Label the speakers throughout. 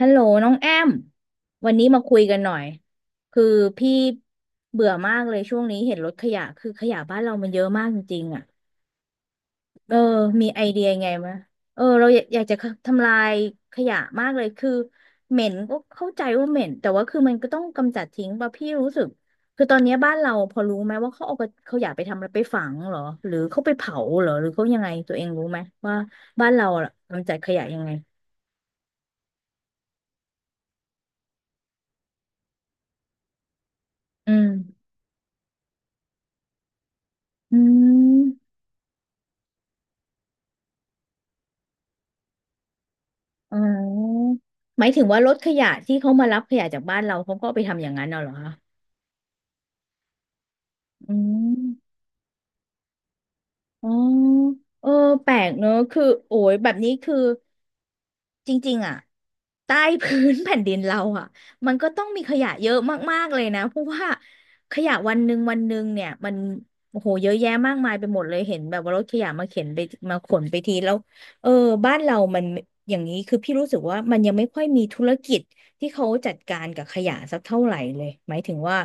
Speaker 1: ฮัลโหลน้องแอมวันนี้มาคุยกันหน่อยคือพี่เบื่อมากเลยช่วงนี้เห็นรถขยะคือขยะบ้านเรามันเยอะมากจริงๆอ่ะเออมีไอเดียไงมะเออเราอยากจะทำลายขยะมากเลยคือเหม็นก็เข้าใจว่าเหม็นแต่ว่าคือมันก็ต้องกำจัดทิ้งป่ะพี่รู้สึกคือตอนเนี้ยบ้านเราพอรู้ไหมว่าเขาเอาขยะไปทำอะไรไปฝังเหรอหรือเขาไปเผาเหรอหรือเขายังไงตัวเองรู้ไหมว่าบ้านเราอะกำจัดขยะยังไงอืมอืม อ๋อหมายถึงว่ารถขยะที่เขามารับขยะจากบ้านเราเขาก็เอาไปทำอย่างนั้นเอาเหรอคะอืมอ๋อเออแปลกเนอะ คือ โอ้ย แบบนี้คือ จริงๆอ่ะใต้พื้น แผ่นดินเราอ่ะมันก็ต้องมีขยะเยอะมากๆเลยนะเพราะว่าขยะวันหนึ่งวันหนึ่งเนี่ยมันโอ้โหเยอะแยะมากมายไปหมดเลยเห็นแบบว่ารถขยะมาเข็นไปมาขนไปทีแล้วเออบ้านเรามันอย่างนี้คือพี่รู้สึกว่ามันยังไม่ค่อยมีธุรกิจที่เขาจัดการกับขยะสักเท่าไหร่เลยหมายถึงว่า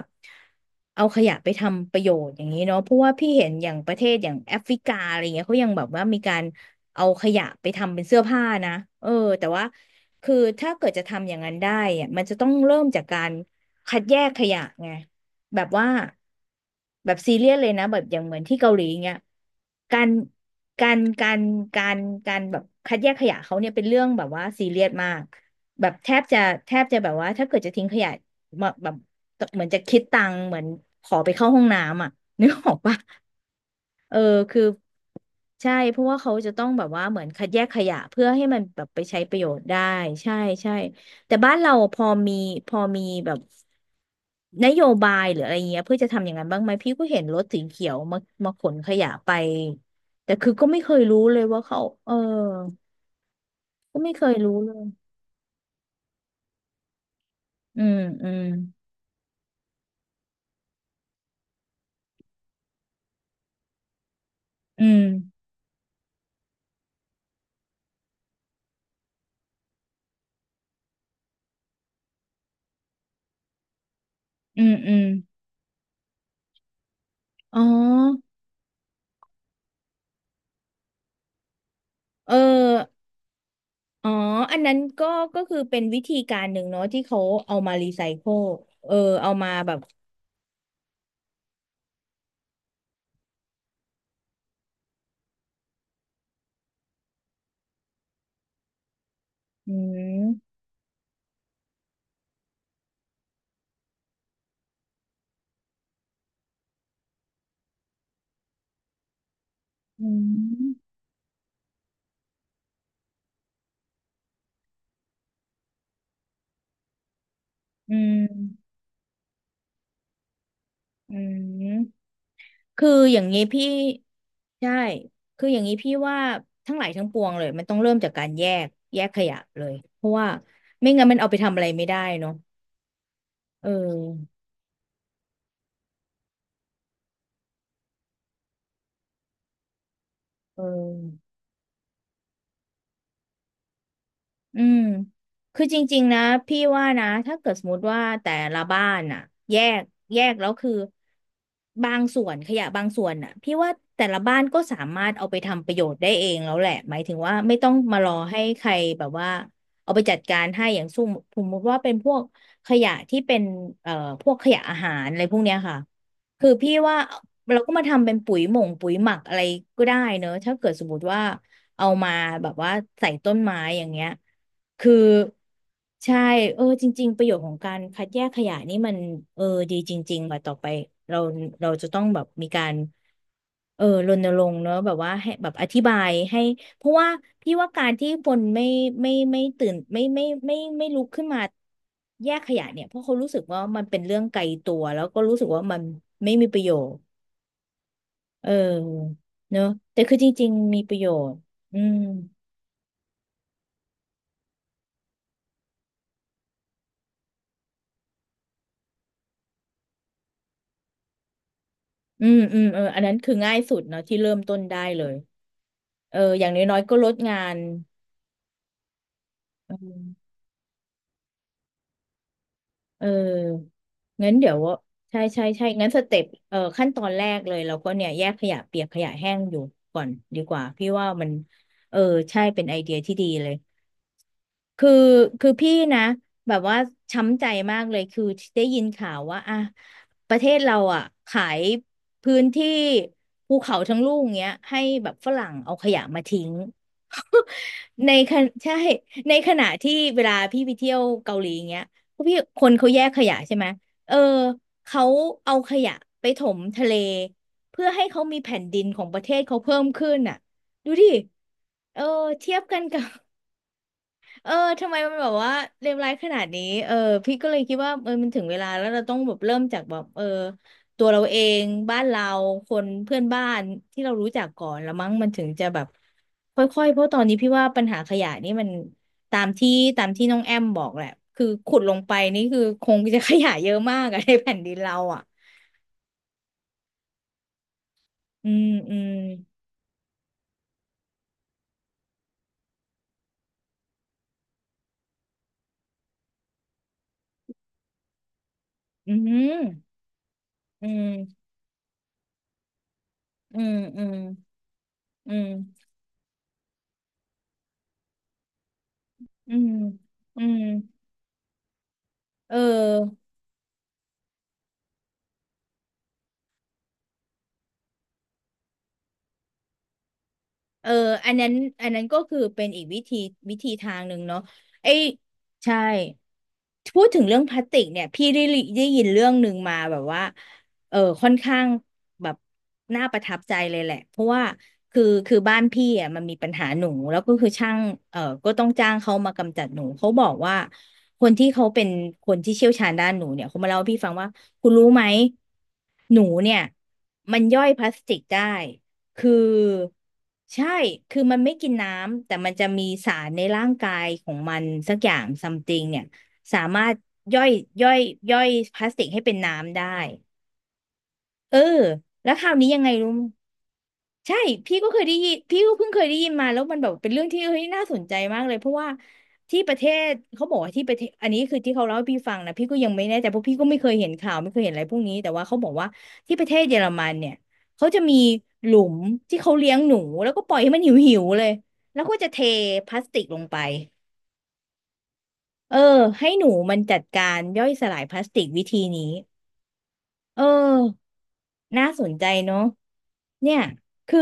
Speaker 1: เอาขยะไปทำประโยชน์อย่างนี้เนาะเพราะว่าพี่เห็นอย่างประเทศอย่างแอฟริกาอะไรเงี้ยเขายังแบบว่ามีการ เอาขยะไปทำเป็นเสื้อผ้านะเออแต่ว่าคือถ้าเกิดจะทำอย่างนั้นได้อะมันจะต้องเริ่มจากการคัดแยกขยะไงแบบว่าแบบซีเรียสเลยนะแบบอย่างเหมือนที่เกาหลีเงี้ยการการการการการแบบคัดแยกขยะเขาเนี่ยเป็นเรื่องแบบว่าซีเรียสมากแบบแทบจะแบบว่าถ้าเกิดจะทิ้งขยะมาแบบเหมือนจะคิดตังค์เหมือนขอไปเข้าห้องน้ำอ่ะนึกออกปะ เออคือใช่เพราะว่าเขาจะต้องแบบว่าเหมือนคัดแยกขยะเพื่อให้มันแบบไปใช้ประโยชน์ได้ใช่ใช่แต่บ้านเราพอมีแบบนโยบายหรืออะไรเงี้ยเพื่อจะทำอย่างนั้นบ้างไหมพี่ก็เห็นรถสีเขียวมามาขนขยะไปแต่คือก็ไม่เคยรู้เลยว่าเขาเออก็ไม่เคยรู้เลยอืมอืมอืมอืมอืมอ๋อเออ อ๋อ อันนั้นก็ก็คือเป็นวิธีการหนึ่งเนาะที่เขาเอามารีไซเคิลเออเอามาแบบอืมอืมอืมอืมคืออย่างนี้พี่ใช่ คืออย่างนี้พี่ว่าทั้งหลายทั้งปวงเลยมันต้องเริ่มจากการแยกขยะเลย เพราะว่าไม่งั้นมันเอาไปทำอะไรไม่ได้เนาะเออเออ อืมคือจริงๆนะพี่ว่านะถ้าเกิดสมมติว่าแต่ละบ้านน่ะแยกแล้วคือบางส่วนขยะบางส่วนน่ะพี่ว่าแต่ละบ้านก็สามารถเอาไปทำประโยชน์ได้เองแล้วแหละหมายถึงว่าไม่ต้องมารอให้ใครแบบว่าเอาไปจัดการให้อย่างสุ่มสมมติว่าเป็นพวกขยะที่เป็นเอ่อพวกขยะอาหารอะไรพวกเนี้ยค่ะคือพี่ว่าเราก็มาทำเป็นปุ๋ยหม่งปุ๋ยหมักอะไรก็ได้เนอะถ้าเกิดสมมติว่าเอามาแบบว่าใส่ต้นไม้อย่างเงี้ย คือใช่เออจริงๆประโยชน์ของการคัดแยกขยะนี่มันเออดีจริงๆว่าต่อไปเราจะต้องแบบมีการเออรณรงค์เนอะแบบว่าให้แบบอธิบายให้เพราะว่าพี่ว่าการที่คนไม่ตื่นไม่ลุกขึ้นมาแยกขยะเนี่ยเพราะเขารู้สึกว่ามันเป็นเรื่องไกลตัวแล้วก็รู้สึกว่ามันไม่มีประโยชน์เออเนอะแต่คือจริงๆมีประโยชน์อืมอืมอืมเอออันนั้นคือง่ายสุดเนาะที่เริ่มต้นได้เลย เอออย่างน้อยๆก็ลดงานเออเอองั้นเดี๋ยวว่าใช่ใช่ใช่งั้นสเต็ปเออขั้นตอนแรกเลยเราก็เนี่ยแยกขยะเปียกขยะแห้งอยู่ก่อนดีกว่าพี่ว่ามันเออใช่เป็นไอเดียที่ดีเลย คือคือพี่นะแบบว่าช้ำใจมากเลยคือได้ยินข่าวว่าอ่ะประเทศเราอ่ะขายพื้นที่ภูเขาทั้งลูกเงี้ยให้แบบฝรั่งเอาขยะมาทิ้ง ในขณะใช่ในขณะที่เวลาพี่ไปเที่ยวเกาหลีเงี้ยพวกพี่คนเขาแยกขยะใช่ไหมเออเขาเอาขยะไปถมทะเลเพื่อให้เขามีแผ่นดินของประเทศเขาเพิ่มขึ้นอ่ะดูดิเออเทียบกันกับ เออทำไมมันแบบว่าเลวร้ายขนาดนี้เออพี่ก็เลยคิดว่าเออมันถึงเวลาแล้วเราต้องแบบเริ่มจากแบบเออตัวเราเองบ้านเราคนเพื่อนบ้านที่เรารู้จักก่อนแล้วมั้งมันถึงจะแบบค่อยๆเพราะตอนนี้พี่ว่าปัญหาขยะนี่มันตามที่ตามที่น้องแอมบอกแหละคือขุดลงไปนี่คือคงจะขยะเยอะมากอะในแผ่นดินเราอะอืมอืมอืมอืมอืมอืมอืมอืมอืมเออ เอออันนั้นก็คือเป็นอีกวิธีวิธีทางหนึ่งเนาะไอ้ใช่พูดถึงเรื่องพลาสติกเนี่ยพี่ได้ยินเรื่องหนึ่งมาแบบว่าเออค่อนข้างแบบน่าประทับใจเลยแหละเพราะว่าคือบ้านพี่อ่ะมันมีปัญหาหนูแล้วก็คือช่างเออก็ต้องจ้างเขามากำจัดหนูเขาบอกว่าคนที่เขาเป็นคนที่เชี่ยวชาญด้านหนูเนี่ยเขามาเล่าให้พี่ฟังว่าคุณรู้ไหมหนูเนี่ยมันย่อยพลาสติกได้ คือใช่คือมันไม่กินน้ำแต่มันจะมีสารในร่างกายของมันสักอย่างซัมติงเนี่ยสามารถย่อยย่อยย่อยพลาสติกให้เป็นน้ำได้เออแล้วคราวนี้ยังไงรู้ ใช่พี่ก็เคยได้ยินพี่ก็เพิ่งเคยได้ยินมาแล้วมันแบบเป็นเรื่องที่เฮ้ยน่าสนใจมากเลยเพราะว่าที่ประเทศเขาบอกว่าที่ประเทศอันนี้คือที่เขาเล่าให้พี่ฟังนะพี่ก็ยังไม่แน่ใจเพราะพี่ก็ไม่เคยเห็นข่าวไม่เคยเห็นอะไรพวกนี้แต่ว่าเขาบอกว่าที่ประเทศเยอรมันเนี่ยเขาจะมีหลุมที่เขาเลี้ยงหนูแล้วก็ปล่อยให้มันหิวหิวเลยแล้วก็จะเทพลาสติกลงไปเออให้หนูมันจัดการย่อยสลายพลาสติกวิธีนี้เออน่าสนใจเนาะเนี่ยคือ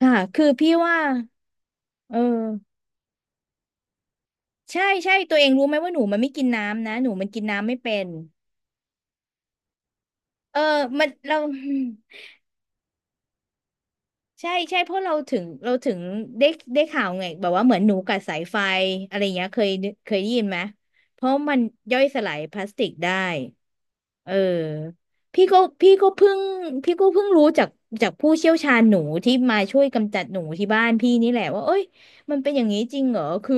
Speaker 1: ค่ะคือพี่ว่าเออ ใช่ใช่ตัวเองรู้ไหมว่าหนูมันไม่กินน้ำนะหนูมันกินน้ำไม่เป็นเออมันเรา ใช่ใช่เพราะเราถึงได้ข่าวไงแบบว่าเหมือนหนูกัดสายไฟอะไรอย่างเงี้ยเคยเคยได้ยินไหมเพราะมันย่อยสลายพลาสติกได้เออพี่ก็พี่ก็เพิ่งพี่ก็เพิ่งรู้จากจากผู้เชี่ยวชาญหนูที่มาช่วยกำจัดหนูที่บ้านพี่นี่แหละว่าเอ้ยมันเป็นอย่างนี้จริงเหรอคือ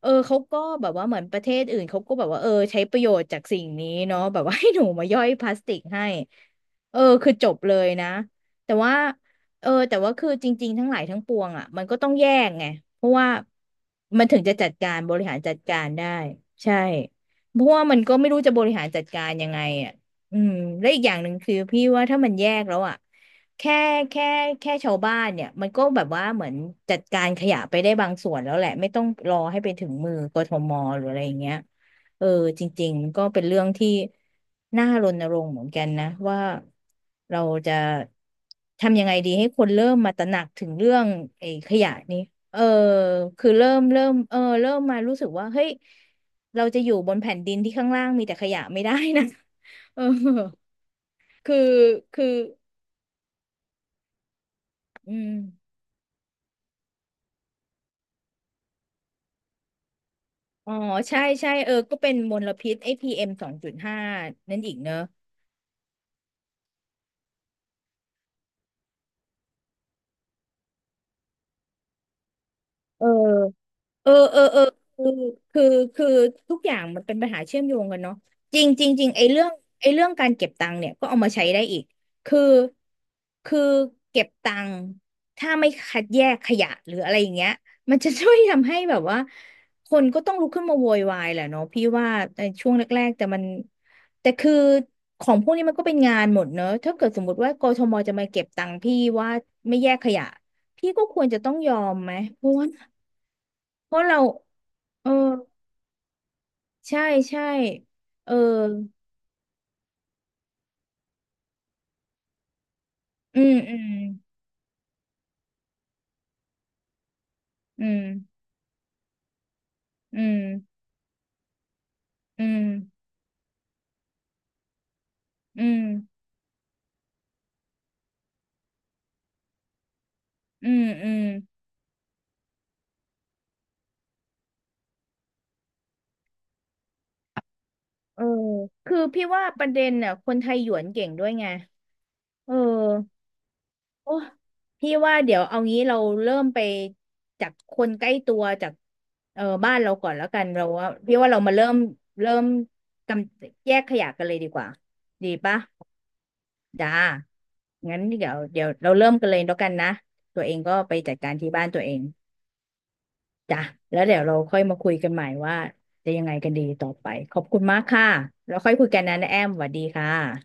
Speaker 1: เออเขาก็แบบว่าเหมือนประเทศอื่นเขาก็แบบว่าเออใช้ประโยชน์จากสิ่งนี้เนาะแบบว่าให้หนูมาย่อยพลาสติกให้เออคือจบเลยนะแต่ว่า เออแต่ว่าคือจริงๆทั้งหลายทั้งปวงอ่ะมันก็ต้องแยกไงเพราะว่ามันถึงจะจัดการบริหารจัดการได้ใช่เพราะว่ามันก็ไม่รู้จะบริหารจัดการยังไงอ่ะอืมและอีกอย่างหนึ่งคือพี่ว่าถ้ามันแยกแล้วอ่ะแค่แค่แค่ชาวบ้านเนี่ยมันก็แบบว่าเหมือนจัดการขยะไปได้บางส่วนแล้วแหละไม่ต้องรอให้ไปถึงมือกทมหรืออะไรอย่างเงี้ย เออจริงๆมันก็เป็นเรื่องที่น่ารณรงค์เหมือนกันนะว่าเราจะทำยังไงดีให้คนเริ่มมาตระหนักถึงเรื่องไอ้ขยะนี้เออคือเริ่มเออเริ่มมารู้สึกว่าเฮ้ยเราจะอยู่บนแผ่นดินที่ข้างล่างมีแต่ขยะไม่ได้นะ เออคือคืออืมอ๋อใช่ใช่เออก็เป็นมลพิษไอ้PM2.5นั่นอีกเนอะเออ เออเออเออคือคือคือทุกอย่างมันเป็นปัญหาเชื่อมโยงกันเนาะจริงจริงจริงไอ้เรื่องการเก็บตังค์เนี่ยก็เอามาใช้ได้อีกคือคือเก็บตังค์ถ้าไม่คัดแยกขยะหรืออะไรอย่างเงี้ยมันจะช่วยทำให้แบบว่าคนก็ต้องลุกขึ้นมาโวยวายแหละเนาะพี่ว่าในช่วงแรกๆแต่มันแต่คือของพวกนี้มันก็เป็นงานหมดเนอะถ้าเกิดสมมติว่ากทมจะมาเก็บตังค์พี่ว่าไม่แยกขยะพี่ก็ควรจะต้องยอมไหมเพราะว่า เพราะเราเออใช่ใช่เอออืมอืมอืมอืมอืมอืมอืมอืมเออคือพี่ว่าประเด็นน่ะคนไทยหยวนเก่งด้วยไงเออโอ้พี่ว่าเดี๋ยวเอางี้เราเริ่มไปจากคนใกล้ตัวจากเออบ้านเราก่อนแล้วกันเราว่าพี่ว่าเรามาเริ่มเริ่มกำแยกขยะกันเลยดีกว่าดีปะ จ้างั้นเดี๋ยวเราเริ่มกันเลยแล้วกันนะ ตัวเองก็ไปจัดการที่บ้านตัวเองจ้ะแล้วเดี๋ยวเราค่อยมาคุยกันใหม่ว่าจะยังไงกันดีต่อไป ขอบคุณมากค่ะแล้วค่อยคุยกันนะนะแอมสวัสดีค่ะ